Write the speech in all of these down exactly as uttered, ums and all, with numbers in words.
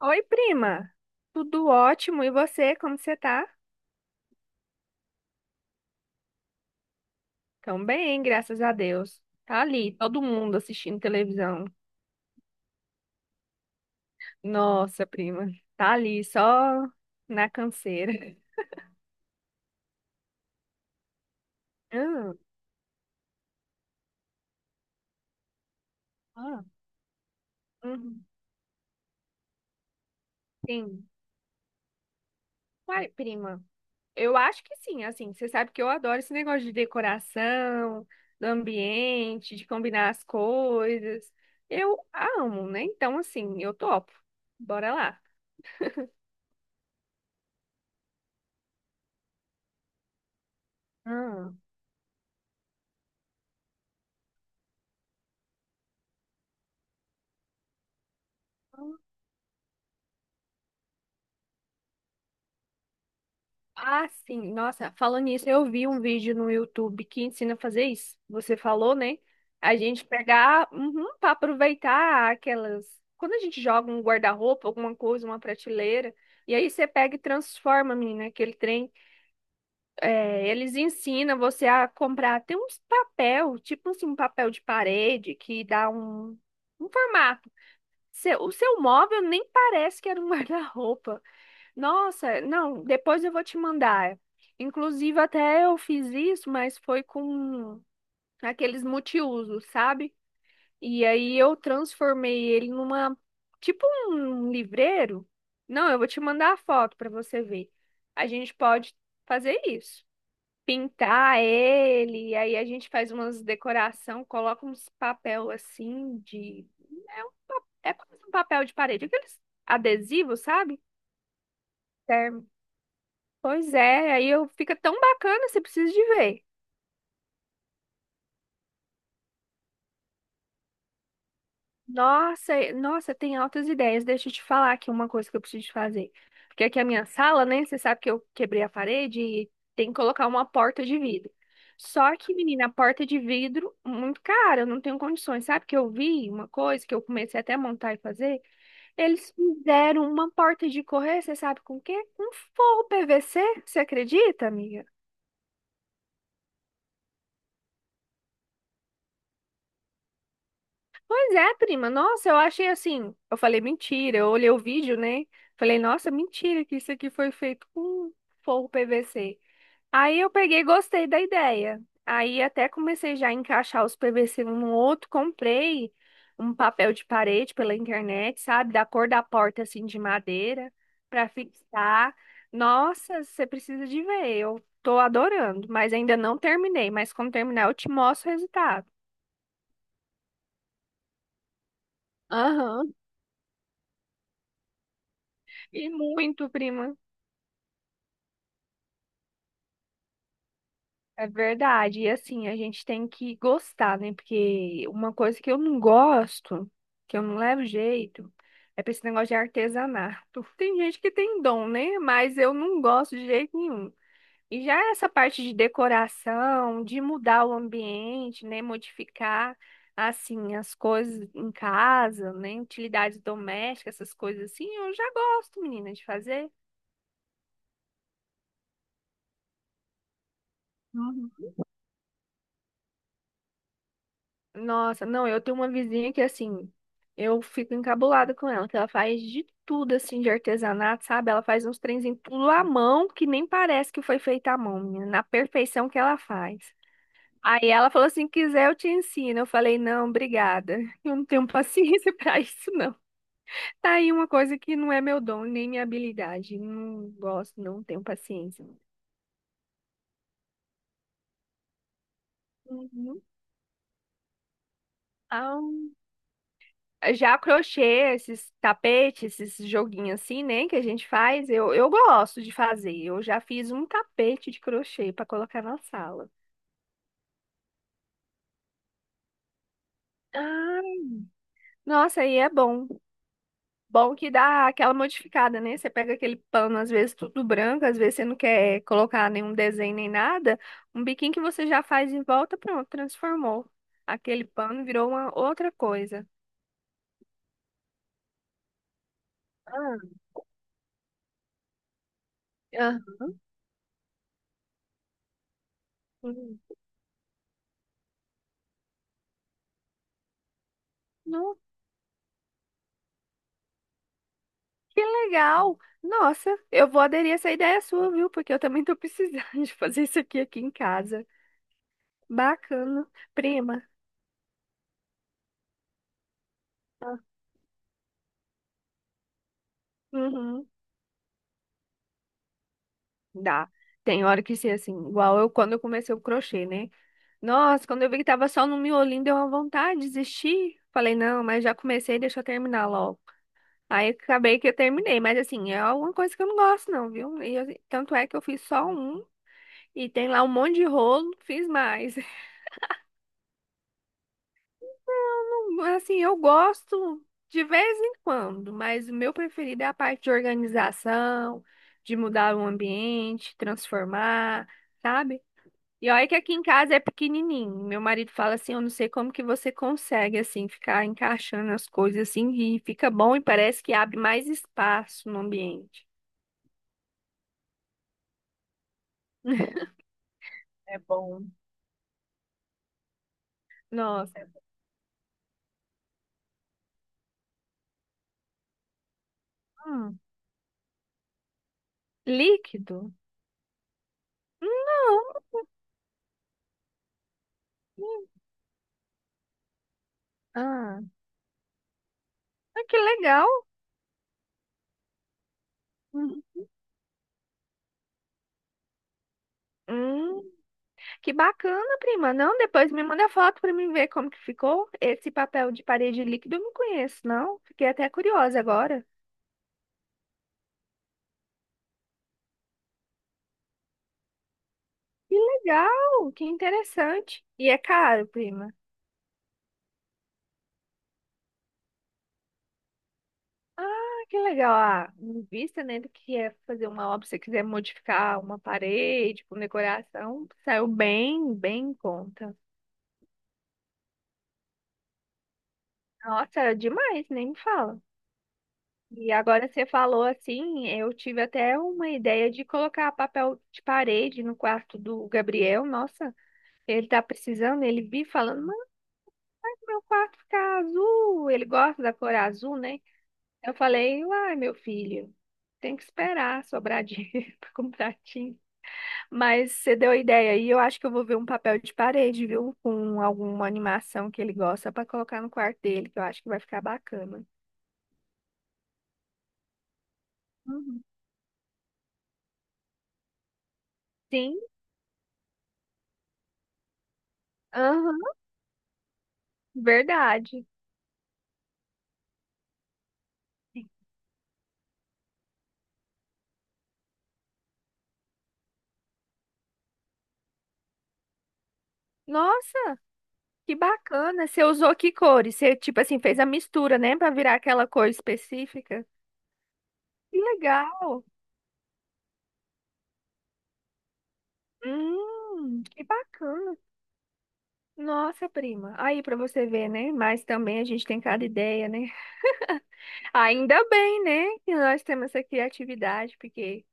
Oi, prima. Tudo ótimo. E você, como você tá? Tão bem, graças a Deus. Tá ali, todo mundo assistindo televisão. Nossa, prima. Tá ali, só na canseira. Ah, ah, uhum, sim. Uai, prima. Eu acho que sim, assim, você sabe que eu adoro esse negócio de decoração, do ambiente, de combinar as coisas. Eu amo, né? Então, assim, eu topo. Bora lá. Ah. Ah, sim. Nossa, falando nisso, eu vi um vídeo no YouTube que ensina a fazer isso. Você falou, né? A gente pegar, uhum, para aproveitar aquelas. Quando a gente joga um guarda-roupa, alguma coisa, uma prateleira, e aí você pega e transforma, menina, aquele trem. É, eles ensinam você a comprar. Tem uns papel, tipo assim, um papel de parede que dá um, um formato. Seu- o seu móvel nem parece que era um guarda-roupa. Nossa, não, depois eu vou te mandar. Inclusive, até eu fiz isso, mas foi com aqueles multiusos, sabe? E aí eu transformei ele numa, tipo um livreiro. Não, eu vou te mandar a foto para você ver. A gente pode fazer isso. Pintar ele, e aí a gente faz umas decoração, coloca uns papel assim de é um, pa- é quase um papel de parede, aqueles adesivos, sabe? Pois é, aí eu fica tão bacana, você precisa de ver. Nossa, e- nossa, tem altas ideias. Deixa eu te falar aqui uma coisa que eu preciso de fazer. Porque aqui a minha sala, né? Você sabe que eu quebrei a parede e tem que colocar uma porta de vidro. Só que, menina, a porta de vidro, muito cara, eu não tenho condições. Sabe que eu vi uma coisa que eu comecei até a montar e fazer? Eles fizeram uma porta de correr, você sabe com o quê? Com forro P V C, você acredita, amiga? Pois é, prima. Nossa, eu achei assim. Eu falei, mentira. Eu olhei o vídeo, né? Falei, nossa, mentira, que isso aqui foi feito com forro P V C. Aí eu peguei e gostei da ideia. Aí até comecei já a encaixar os P V C um no outro. Comprei um papel de parede pela internet, sabe? Da cor da porta, assim, de madeira, pra fixar. Nossa, você precisa de ver. Eu tô adorando, mas ainda não terminei. Mas quando terminar, eu te mostro o resultado. Aham. E muito, prima. É verdade. E assim, a gente tem que gostar, né? Porque uma coisa que eu não gosto, que eu não levo jeito, é pra esse negócio de artesanato. Tem gente que tem dom, né? Mas eu não gosto de jeito nenhum. E já essa parte de decoração, de mudar o ambiente, né? Modificar, assim, as coisas em casa, né? Utilidades domésticas, essas coisas assim, eu já gosto, menina, de fazer. Nossa, não, eu tenho uma vizinha que assim, eu fico encabulada com ela, que ela faz de tudo assim de artesanato, sabe? Ela faz uns trenzinhos tudo à mão, que nem parece que foi feito à mão, menina, na perfeição que ela faz. Aí ela falou assim, quiser eu te ensino. Eu falei, não, obrigada. Eu não tenho paciência pra isso, não. Tá aí uma coisa que não é meu dom, nem minha habilidade. Não gosto, não tenho paciência. Uhum. Já crochê, esses tapetes, esses joguinhos assim, né, que a gente faz, eu, eu gosto de fazer. Eu já fiz um tapete de crochê para colocar na sala. Ah, nossa, aí é bom. Bom que dá aquela modificada, né? Você pega aquele pano, às vezes tudo branco, às vezes você não quer colocar nenhum desenho nem nada. Um biquinho que você já faz em volta, pronto, transformou. Aquele pano virou uma outra coisa. Ah, ah. Uhum. Que legal! Nossa, eu vou aderir a essa ideia sua, viu? Porque eu também tô precisando de fazer isso aqui aqui em casa. Bacana. Prima. Ah, uhum. Dá. Tem hora que ser assim, igual eu quando eu comecei o crochê, né? Nossa, quando eu vi que tava só no miolinho, deu uma vontade de desistir. Falei, não, mas já comecei, deixa eu terminar logo. Aí acabei que eu terminei, mas assim, é alguma coisa que eu não gosto, não, viu? E eu- tanto é que eu fiz só um e tem lá um monte de rolo, fiz mais. Assim, eu gosto de vez em quando, mas o meu preferido é a parte de organização, de mudar o ambiente, transformar, sabe? E olha que aqui em casa é pequenininho. Meu marido fala assim, eu não sei como que você consegue assim ficar encaixando as coisas assim e fica bom e parece que abre mais espaço no ambiente. É bom. Nossa, é bom líquido? Não. Ah, ah, que legal. Hum. Que bacana, prima. Não, depois me manda foto pra mim ver como que ficou. Esse papel de parede líquido eu não conheço, não. Fiquei até curiosa agora. Que legal, que interessante. E é caro, prima. Ah, que legal. Ah, em vista, né, do que é fazer uma obra, se você quiser modificar uma parede com decoração, saiu bem, bem em conta. Nossa, é demais, nem me fala. E agora você falou assim, eu tive até uma ideia de colocar papel de parede no quarto do Gabriel. Nossa. Ele tá precisando, ele vi falando, mãe, meu quarto fica azul, ele gosta da cor azul, né? Eu falei, uai, meu filho, tem que esperar sobrar dinheiro pra comprar tinta. Mas você deu a ideia aí, eu acho que eu vou ver um papel de parede, viu? Com alguma animação que ele gosta pra colocar no quarto dele, que eu acho que vai ficar bacana. Uhum. Sim, aham, verdade. Nossa, que bacana. Você usou que cores? Você, tipo assim, fez a mistura, né, pra virar aquela cor específica? Que legal. Hum, que bacana. Nossa, prima. Aí para você ver, né? Mas também a gente tem cada ideia, né? Ainda bem, né? Que nós temos essa criatividade, porque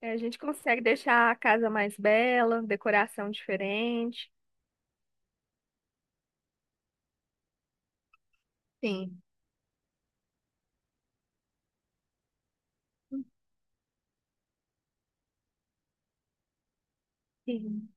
eh, a gente consegue deixar a casa mais bela, decoração diferente. Sim. Sim.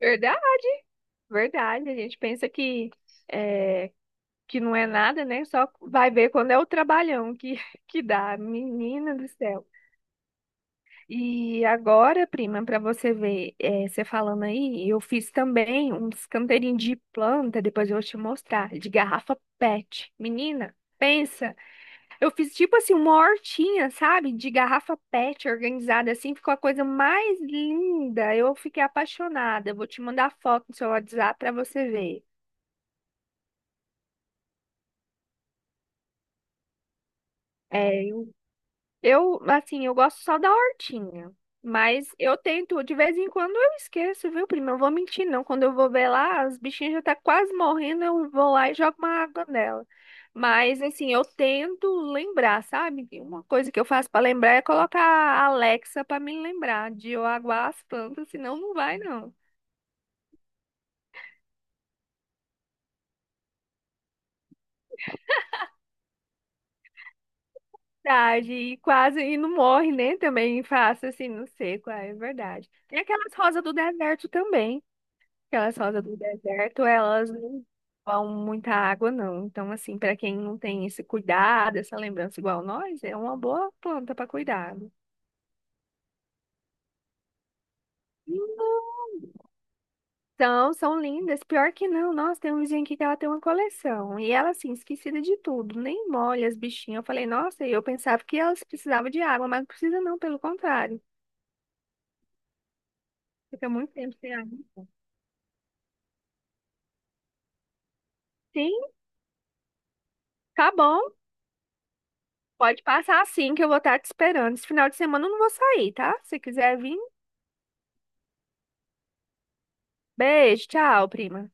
Verdade, verdade. A gente pensa que é, que não é nada, né? Só vai ver quando é o trabalhão que que dá. Menina do céu. E agora, prima, para você ver, eh, você falando aí, eu fiz também uns canteirinhos de planta, depois eu vou te mostrar, de garrafa pet. Menina, pensa, eu fiz tipo assim uma hortinha, sabe? De garrafa pet organizada assim, ficou a coisa mais linda. Eu fiquei apaixonada. Eu vou te mandar foto no seu WhatsApp para você ver. É, eu, assim, eu gosto só da hortinha. Mas eu tento, de vez em quando eu esqueço, viu, prima? Eu vou mentir, não. Quando eu vou ver lá, as bichinhas já tá quase morrendo, eu vou lá e jogo uma água nela. Mas, assim, eu tento lembrar, sabe? Uma coisa que eu faço pra lembrar é colocar a Alexa pra me lembrar de eu aguar as plantas, senão não vai, não. Verdade, e quase, e não morre, né? Também faço assim, não sei qual é, é verdade. Tem aquelas rosas do deserto também. Aquelas rosas do deserto, elas não vão muita água, não. Então, assim, para quem não tem esse cuidado, essa lembrança igual nós, é uma boa planta para cuidado. Então, são lindas. Pior que não, nossa, tem um vizinho aqui que ela tem uma coleção. E ela, assim, esquecida de tudo, nem molha as bichinhas. Eu falei, nossa, eu pensava que elas precisavam de água, mas não precisa não, pelo contrário. Fica muito tempo sem água. Sim, tá bom. Pode passar assim que eu vou estar te esperando. Esse final de semana eu não vou sair, tá? Se quiser vir, beijo, tchau, prima.